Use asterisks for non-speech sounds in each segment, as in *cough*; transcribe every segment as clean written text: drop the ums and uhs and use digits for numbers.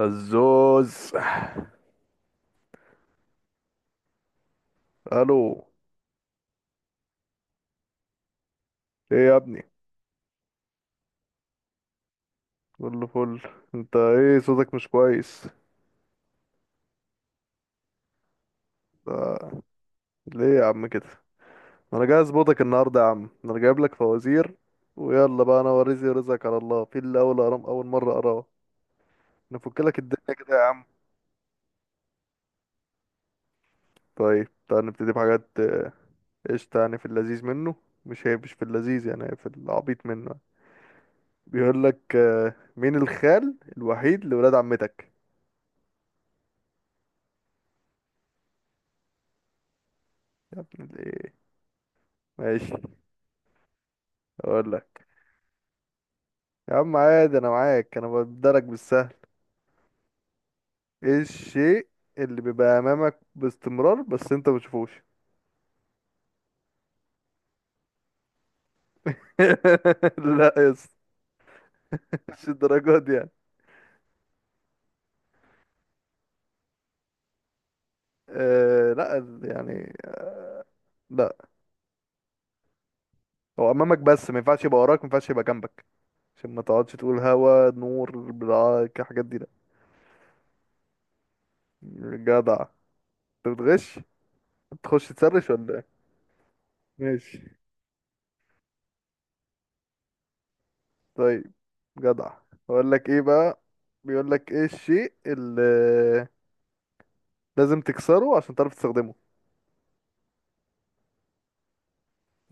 الزوز. الو. ايه يا ابني؟ كله فل. انت ايه صوتك مش كويس؟ آه، ليه يا عم كده؟ انا جاي اظبطك النهارده يا عم، انا جايب لك فوازير. ويلا بقى، انا ورزي رزقك على الله في اللي اول أرام اول مره اراه. نفك لك الدنيا كده يا عم. طيب تعال نبتدي بحاجات قشطة. يعني في اللذيذ منه، مش هي مش في اللذيذ، يعني هي في العبيط منه يعني. بيقول لك مين الخال الوحيد لولاد عمتك؟ يا ابن الايه، ماشي. اقول لك، يا عم عادي انا معاك، انا بدرك بالسهل. ايه الشيء اللي بيبقى امامك باستمرار بس انت مبتشوفوش؟ *laughs* لا يا اسطى، مش الدرجات دي يعني. آه لا يعني، لا. هو امامك بس ما ينفعش يبقى وراك، ما ينفعش يبقى جنبك، عشان ما تقعدش تقول هوا نور بتاع الحاجات دي، لا. جدع. انت بتغش، تخش تسرش ولا ايه؟ ماشي. طيب جدع. اقول لك ايه بقى، بيقول لك ايه الشيء اللي لازم تكسره عشان تعرف تستخدمه؟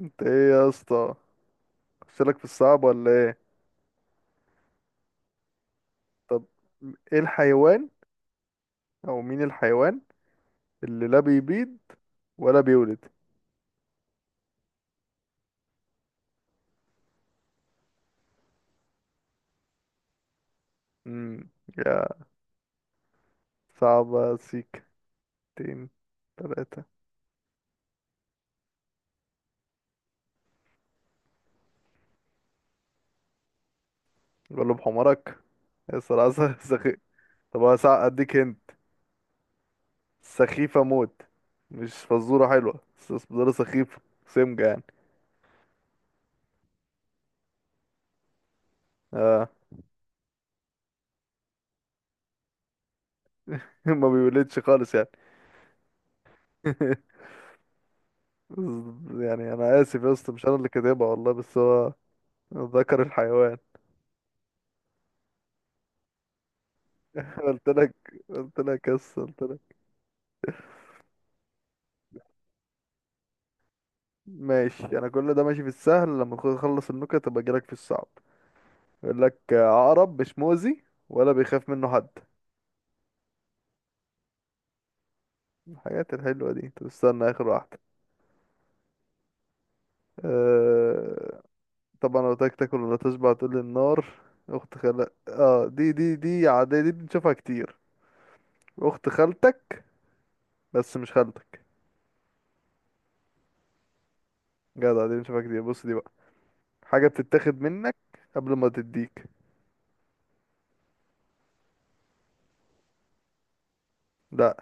انت ايه يا اسطى؟ اخشلك في الصعب ولا ايه؟ طب ايه الحيوان او مين الحيوان اللي لا بيبيض ولا بيولد؟ امم يا صعبة سيك تين تلاتة. غلب حمارك يا صراحة. *laughs* سخيف. طب انا اديك هنت. سخيفة موت. مش فزورة حلوة، بس فزورة سخيفة سمجة يعني. اه. *laughs* ما بيولدش خالص يعني. *laughs* يعني انا اسف يا اسطى، مش انا اللي كاتبها والله، بس هو ذكر الحيوان. قلت لك قلت لك ماشي. انا كل ده ماشي في السهل، لما اخلص النكت ابقى اجيلك في الصعب. يقول لك عقرب مش مؤذي ولا بيخاف منه حد. الحاجات الحلوه دي. طب استنى اخر واحده. أه... طبعا لو تاكل تاكل ولا تشبع تقول لي النار. اخت خالك، اه دي عاديه، دي بنشوفها كتير. اخت خالتك بس مش خالتك. جدع. دي بنشوفها كتير. بص، دي بقى حاجه بتتاخد منك قبل ما تديك. لا،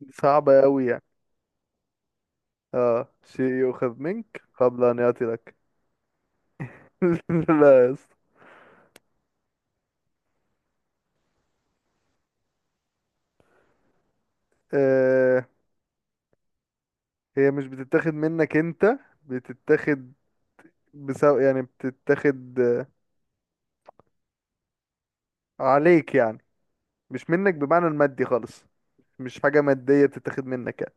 دي صعبه قوي. اه، شيء يؤخذ منك قبل أن يأتي لك. *laughs* لا يا اسطى. آه، هي مش بتتاخد منك انت، بتتاخد يعني بتتاخد عليك يعني، مش منك بمعنى المادي خالص. مش حاجة مادية بتتاخد منك يعني.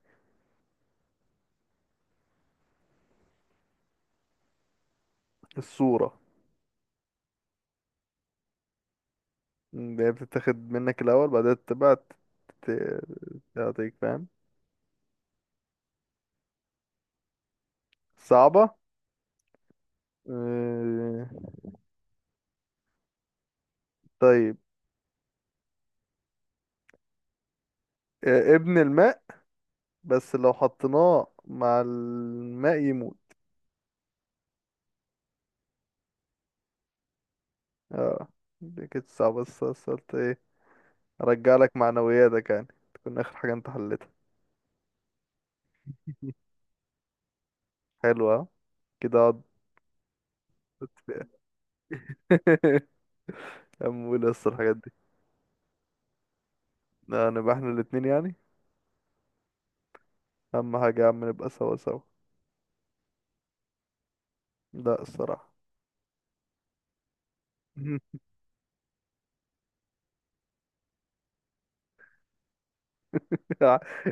الصورة، م، هي بتتاخد منك الأول بعدها تبقى تعطيك، فاهم؟ صعبة. آه. طيب. آه، ابن الماء بس لو حطيناه مع الماء يموت. اه دي كانت صعبة، بس بس قلت ايه، ارجع لك معنوياتك يعني، تكون اخر حاجة انت حلتها. حلوة ها؟ كده اقعد. *laughs* امول بس الحاجات دي. لا، نبقى احنا الاتنين يعني. اهم حاجة يا عم نبقى سوا سوا. لا الصراحة. *laughs*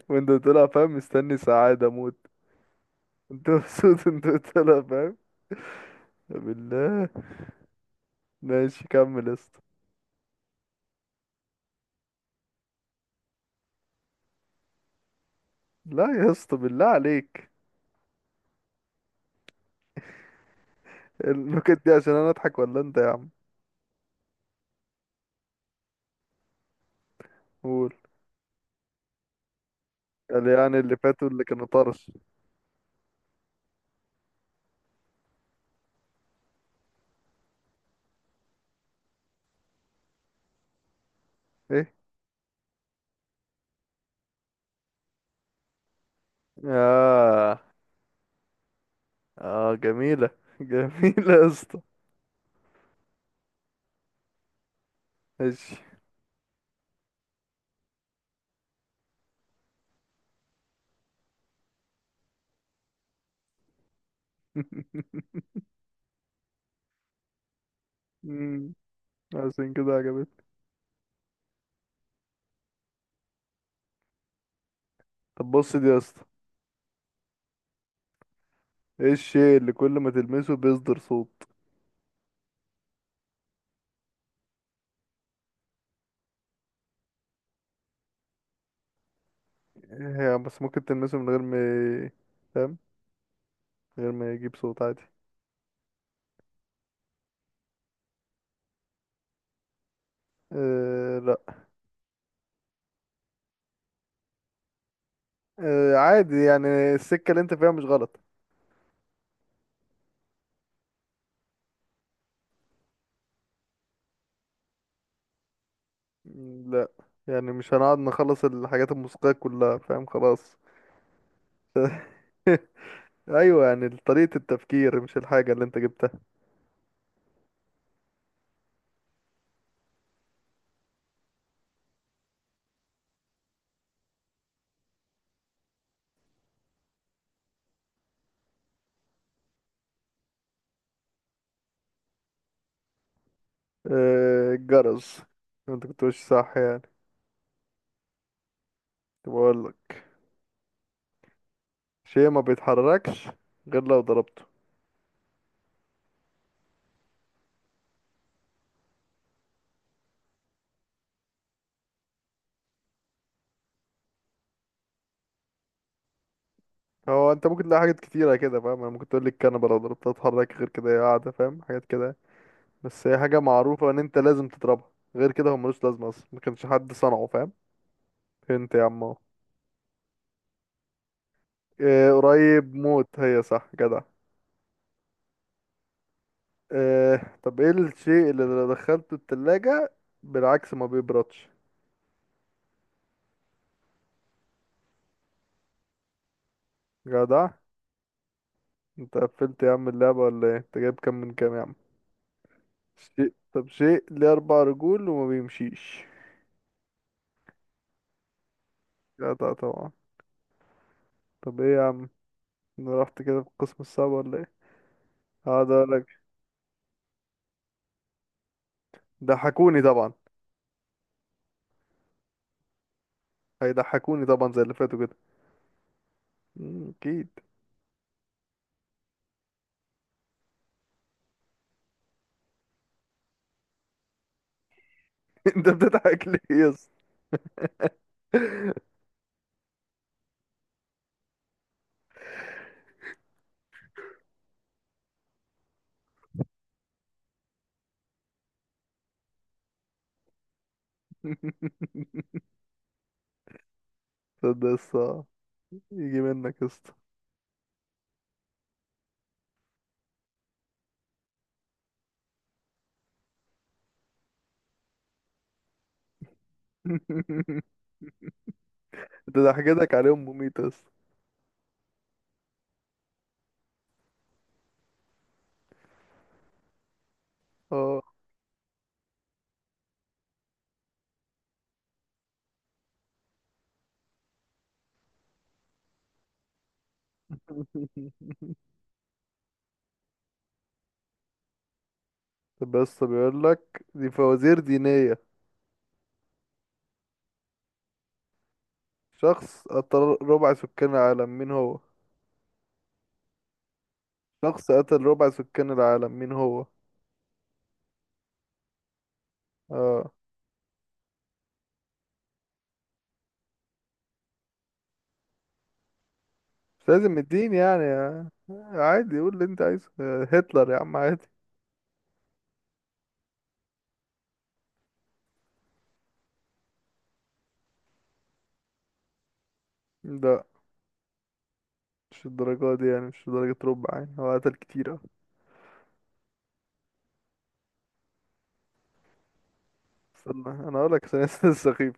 وانت طلع فاهم، مستني سعادة موت. انت مبسوط، انت طلع فاهم بالله. ماشي كمل يا اسطى. لا يا اسطى بالله عليك، النكت دي عشان انا اضحك ولا انت يا عم؟ قول. قال يعني اللي فاتوا اللي كانوا طرش. إيه؟ اه. اه جميلة، *laughs* جميلة يا اسطى. ماشي. *laughs* مم، عشان كده عجبتني. طب بص دي يا اسطى. ايه الشيء اللي كل ما تلمسه بيصدر صوت؟ هي بس ممكن تلمسه من غير ما ي- فاهم، من غير ما يجيب صوت عادي. آه لا. آه عادي يعني، السكة اللي انت فيها مش غلط. مم، لا يعني مش هنقعد نخلص الحاجات الموسيقية كلها، فاهم؟ خلاص. *laughs* ايوه، يعني طريقة التفكير مش الحاجة اللي انت جبتها. الجرس. انت كنت ماشي صح يعني. طب اقول لك، شيء ما بيتحركش غير لو ضربته. هو انت ممكن تلاقي حاجات كتيرة كده، فاهم؟ انا ممكن تقول لي الكنبة لو ضربتها تتحرك غير كده هي قاعدة، فاهم؟ حاجات كده. بس هي حاجة معروفة ان انت لازم تضربها، غير كده هو ملوش لازمة اصلا، ما كانش حد صنعه، فاهم؟ انت يا عم اهو. اه قريب موت، هي صح جدع. اه. طب ايه الشيء اللي لو دخلته التلاجة بالعكس ما بيبردش؟ جدع. انت قفلت يا عم اللعبة ولا ايه؟ انت جايب كام من كام يا عم؟ شيء، طب شيء ليه أربع رجول وما بيمشيش؟ جدع طبعا. طب ايه يا عم، انا رحت كده في القسم الصعب ولا ايه؟ هقعد اقولك ضحكوني طبعا، هيضحكوني طبعا زي اللي فاتوا كده. مم، اكيد. *laughs* انت بتضحك ليه يا اسطى؟ *laughs* ده الصعب يجي منك يا اسطى. *laughs* انت ضحكتك عليهم مميتة يا اسطى. اه. *laughs* طب بس بيقول لك دي فوازير دينية. شخص أطر ربع سكان العالم مين هو؟ شخص قتل ربع سكان العالم مين هو؟ اه. مش لازم الدين يعني عادي قول اللي انت عايزه، هتلر يا عم عادي. لا مش الدرجة دي يعني، مش درجة ربع يعني، هو قتل كتير اه. استنى انا اقول لك عشان *laughs* اسم السخيف،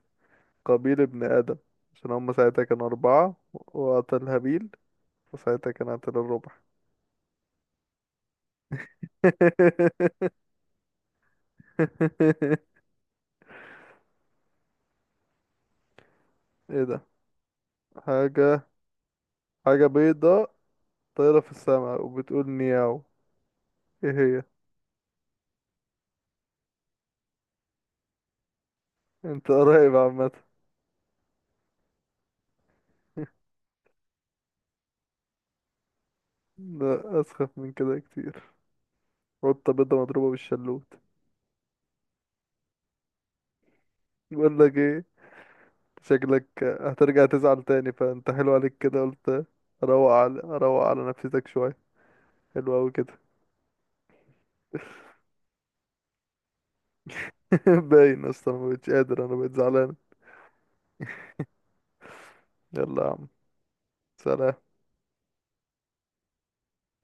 قابيل ابن ادم، عشان هم ساعتها كانوا اربعة وقتل هابيل، وساعتها كان قتل الربع. *laughs* ايه ده؟ حاجة، حاجة بيضة طايرة في السماء وبتقول نياو، ايه هي؟ انت قريب عامة. لا اسخف من كده كتير. قطة بيضة مضروبة بالشلوت. بقول لك ايه، شكلك هترجع تزعل تاني، فانت حلو عليك كده قلت اروق على، اروق على نفسيتك شوية. حلو اوي كده. *laughs* باين اصلا، ما بقتش قادر انا، بقيت زعلان. يلا يا عم، سلام.